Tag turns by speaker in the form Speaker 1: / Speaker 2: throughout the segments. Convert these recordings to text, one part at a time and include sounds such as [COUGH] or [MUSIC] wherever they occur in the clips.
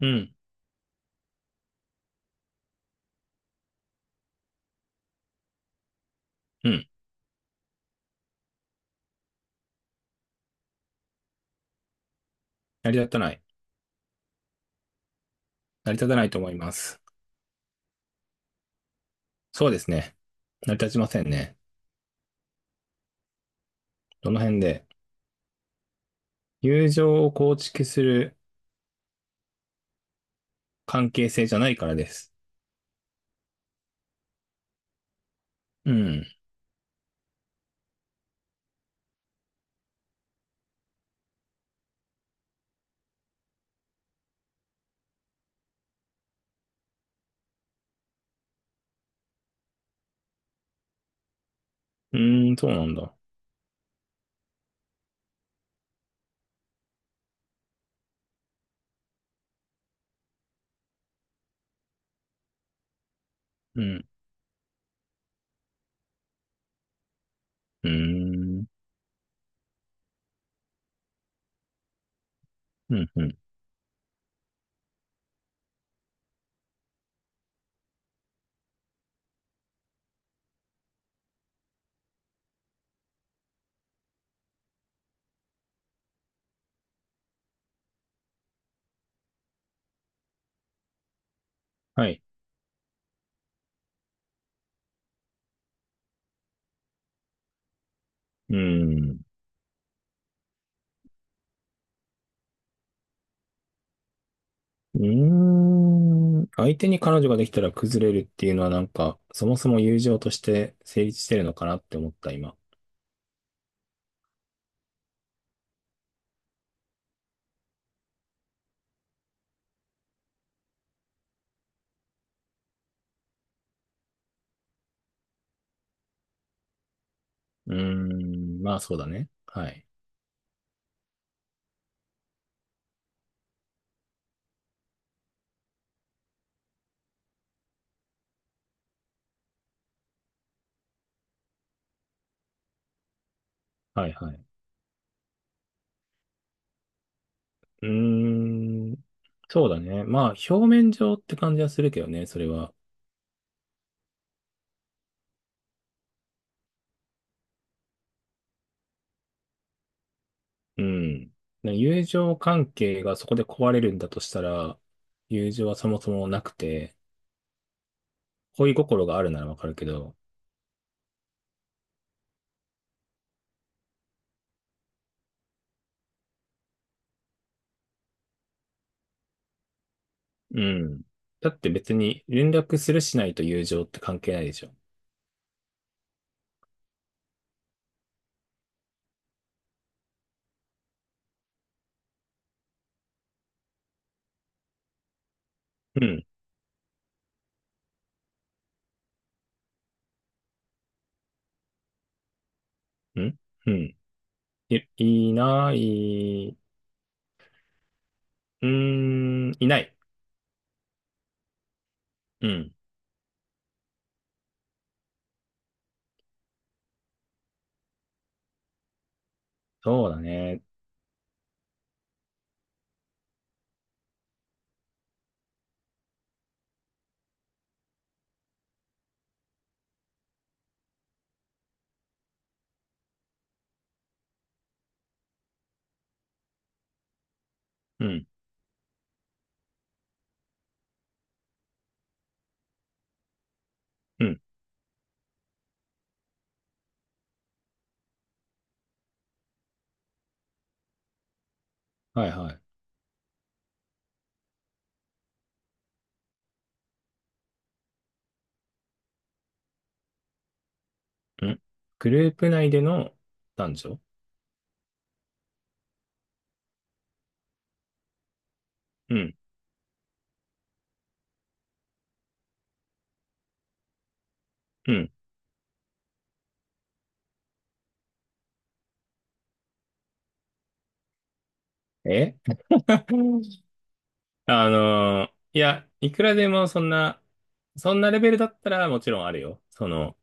Speaker 1: うん、うん。成り立たない。成り立たないと思います。そうですね。成り立ちませんね。どの辺で。友情を構築する関係性じゃないからです。うん。うーん、そうなんだ。うん。うーん。うん、うん。はい。うーん。うーん。相手に彼女ができたら崩れるっていうのはなんか、そもそも友情として成立してるのかなって思った、今。うーん。まあ、そうだね。はい。はい、はい。うーん。そうだね。まあ、表面上って感じはするけどね、それは。うん。ね友情関係がそこで壊れるんだとしたら、友情はそもそもなくて、恋心があるならわかるけど、うん。だって別に連絡するしないと友情って関係ないでしょ。うん。うん。うん。い、いない、いない。うん。そうだね。うん。うん。はいはい。うん。グループ内での男女。うん。うん。え。 [LAUGHS] いや、いくらでもそんなレベルだったらもちろんあるよ。その、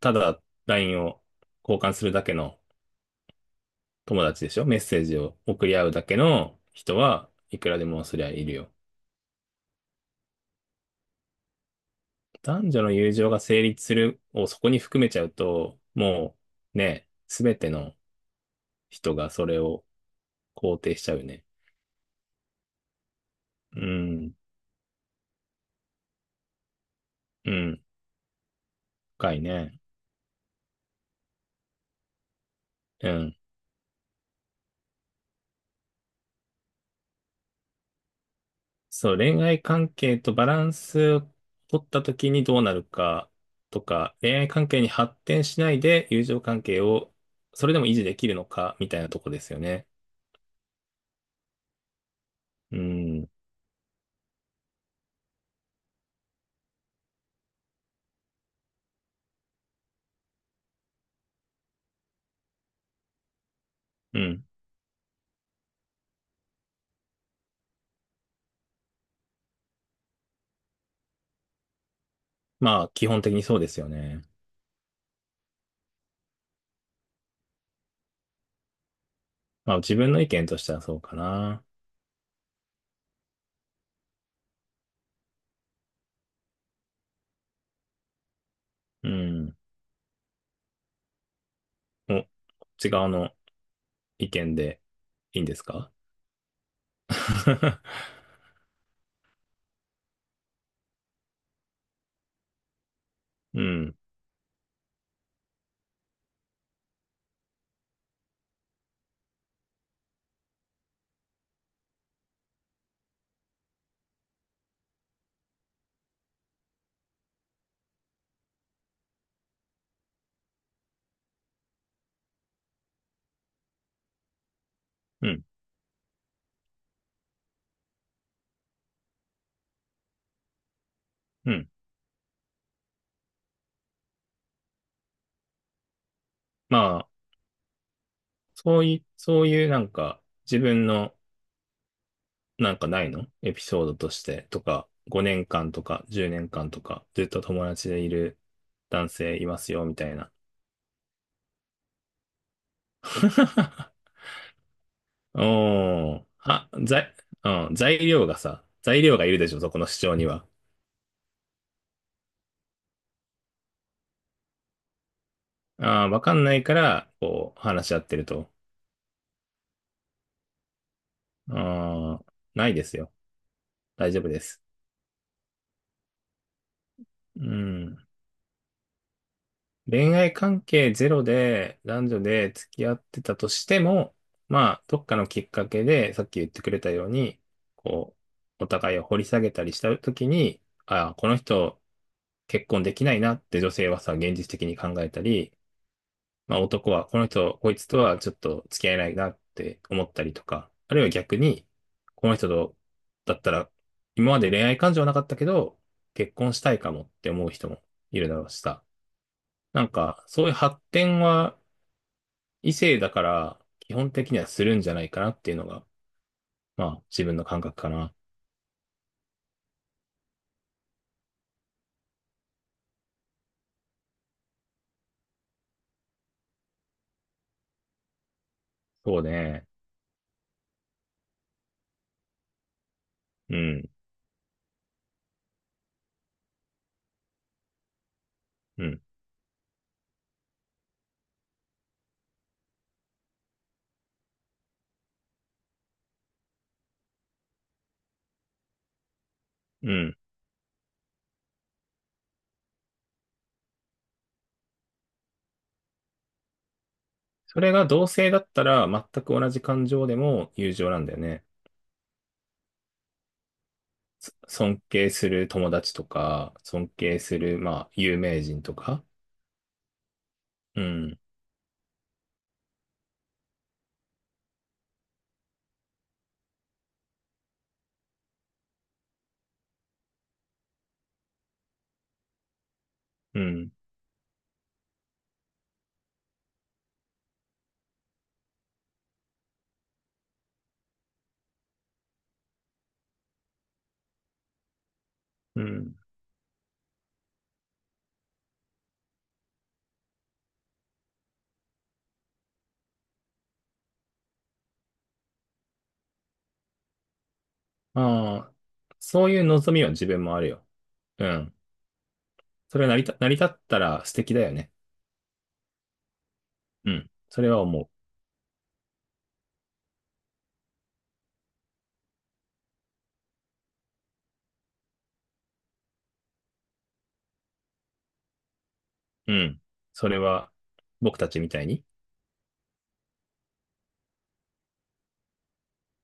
Speaker 1: ただ LINE を交換するだけの友達でしょ。メッセージを送り合うだけの人はいくらでもそりゃいるよ。男女の友情が成立するをそこに含めちゃうと、もうね、すべての人がそれを肯定しちゃうね。うん、うん、深いね。うん。そう、恋愛関係とバランスを取った時にどうなるかとか、恋愛関係に発展しないで友情関係をそれでも維持できるのかみたいなとこですよね。うん。うん。まあ、基本的にそうですよね。まあ、自分の意見としてはそうかな。うん。お、こっち側の意見でいいんですか？ [LAUGHS] うん。うん。うん。まあ、そういうなんか自分のなんかないのエピソードとしてとか、5年間とか10年間とか、ずっと友達でいる男性いますよ、みたいな。[LAUGHS] おー、うん、材料がいるでしょ、そこの主張には。ああ、わかんないから、こう、話し合ってると。ああ、ないですよ。大丈夫です。うん。恋愛関係ゼロで男女で付き合ってたとしても、まあ、どっかのきっかけで、さっき言ってくれたように、こう、お互いを掘り下げたりしたときに、ああ、この人結婚できないなって女性はさ、現実的に考えたり、まあ男はこの人、こいつとはちょっと付き合えないなって思ったりとか、あるいは逆に、この人と、だったら、今まで恋愛感情はなかったけど、結婚したいかもって思う人もいるだろうしさ。なんか、そういう発展は異性だから、基本的にはするんじゃないかなっていうのが、まあ、自分の感覚かな。そうね。うん、うん、うん。それが同性だったら、全く同じ感情でも友情なんだよね。尊敬する友達とか、尊敬する、まあ、有名人とか。うん、うん、うん。まあ、そういう望みは自分もあるよ。うん。それは成り立ったら素敵だよね。うん。それは思う。うん。それは、僕たちみたいに。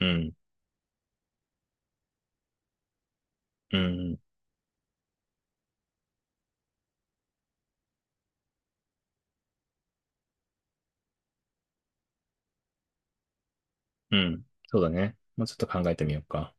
Speaker 1: うん。うん。うん。そうだね。もうちょっと考えてみようか。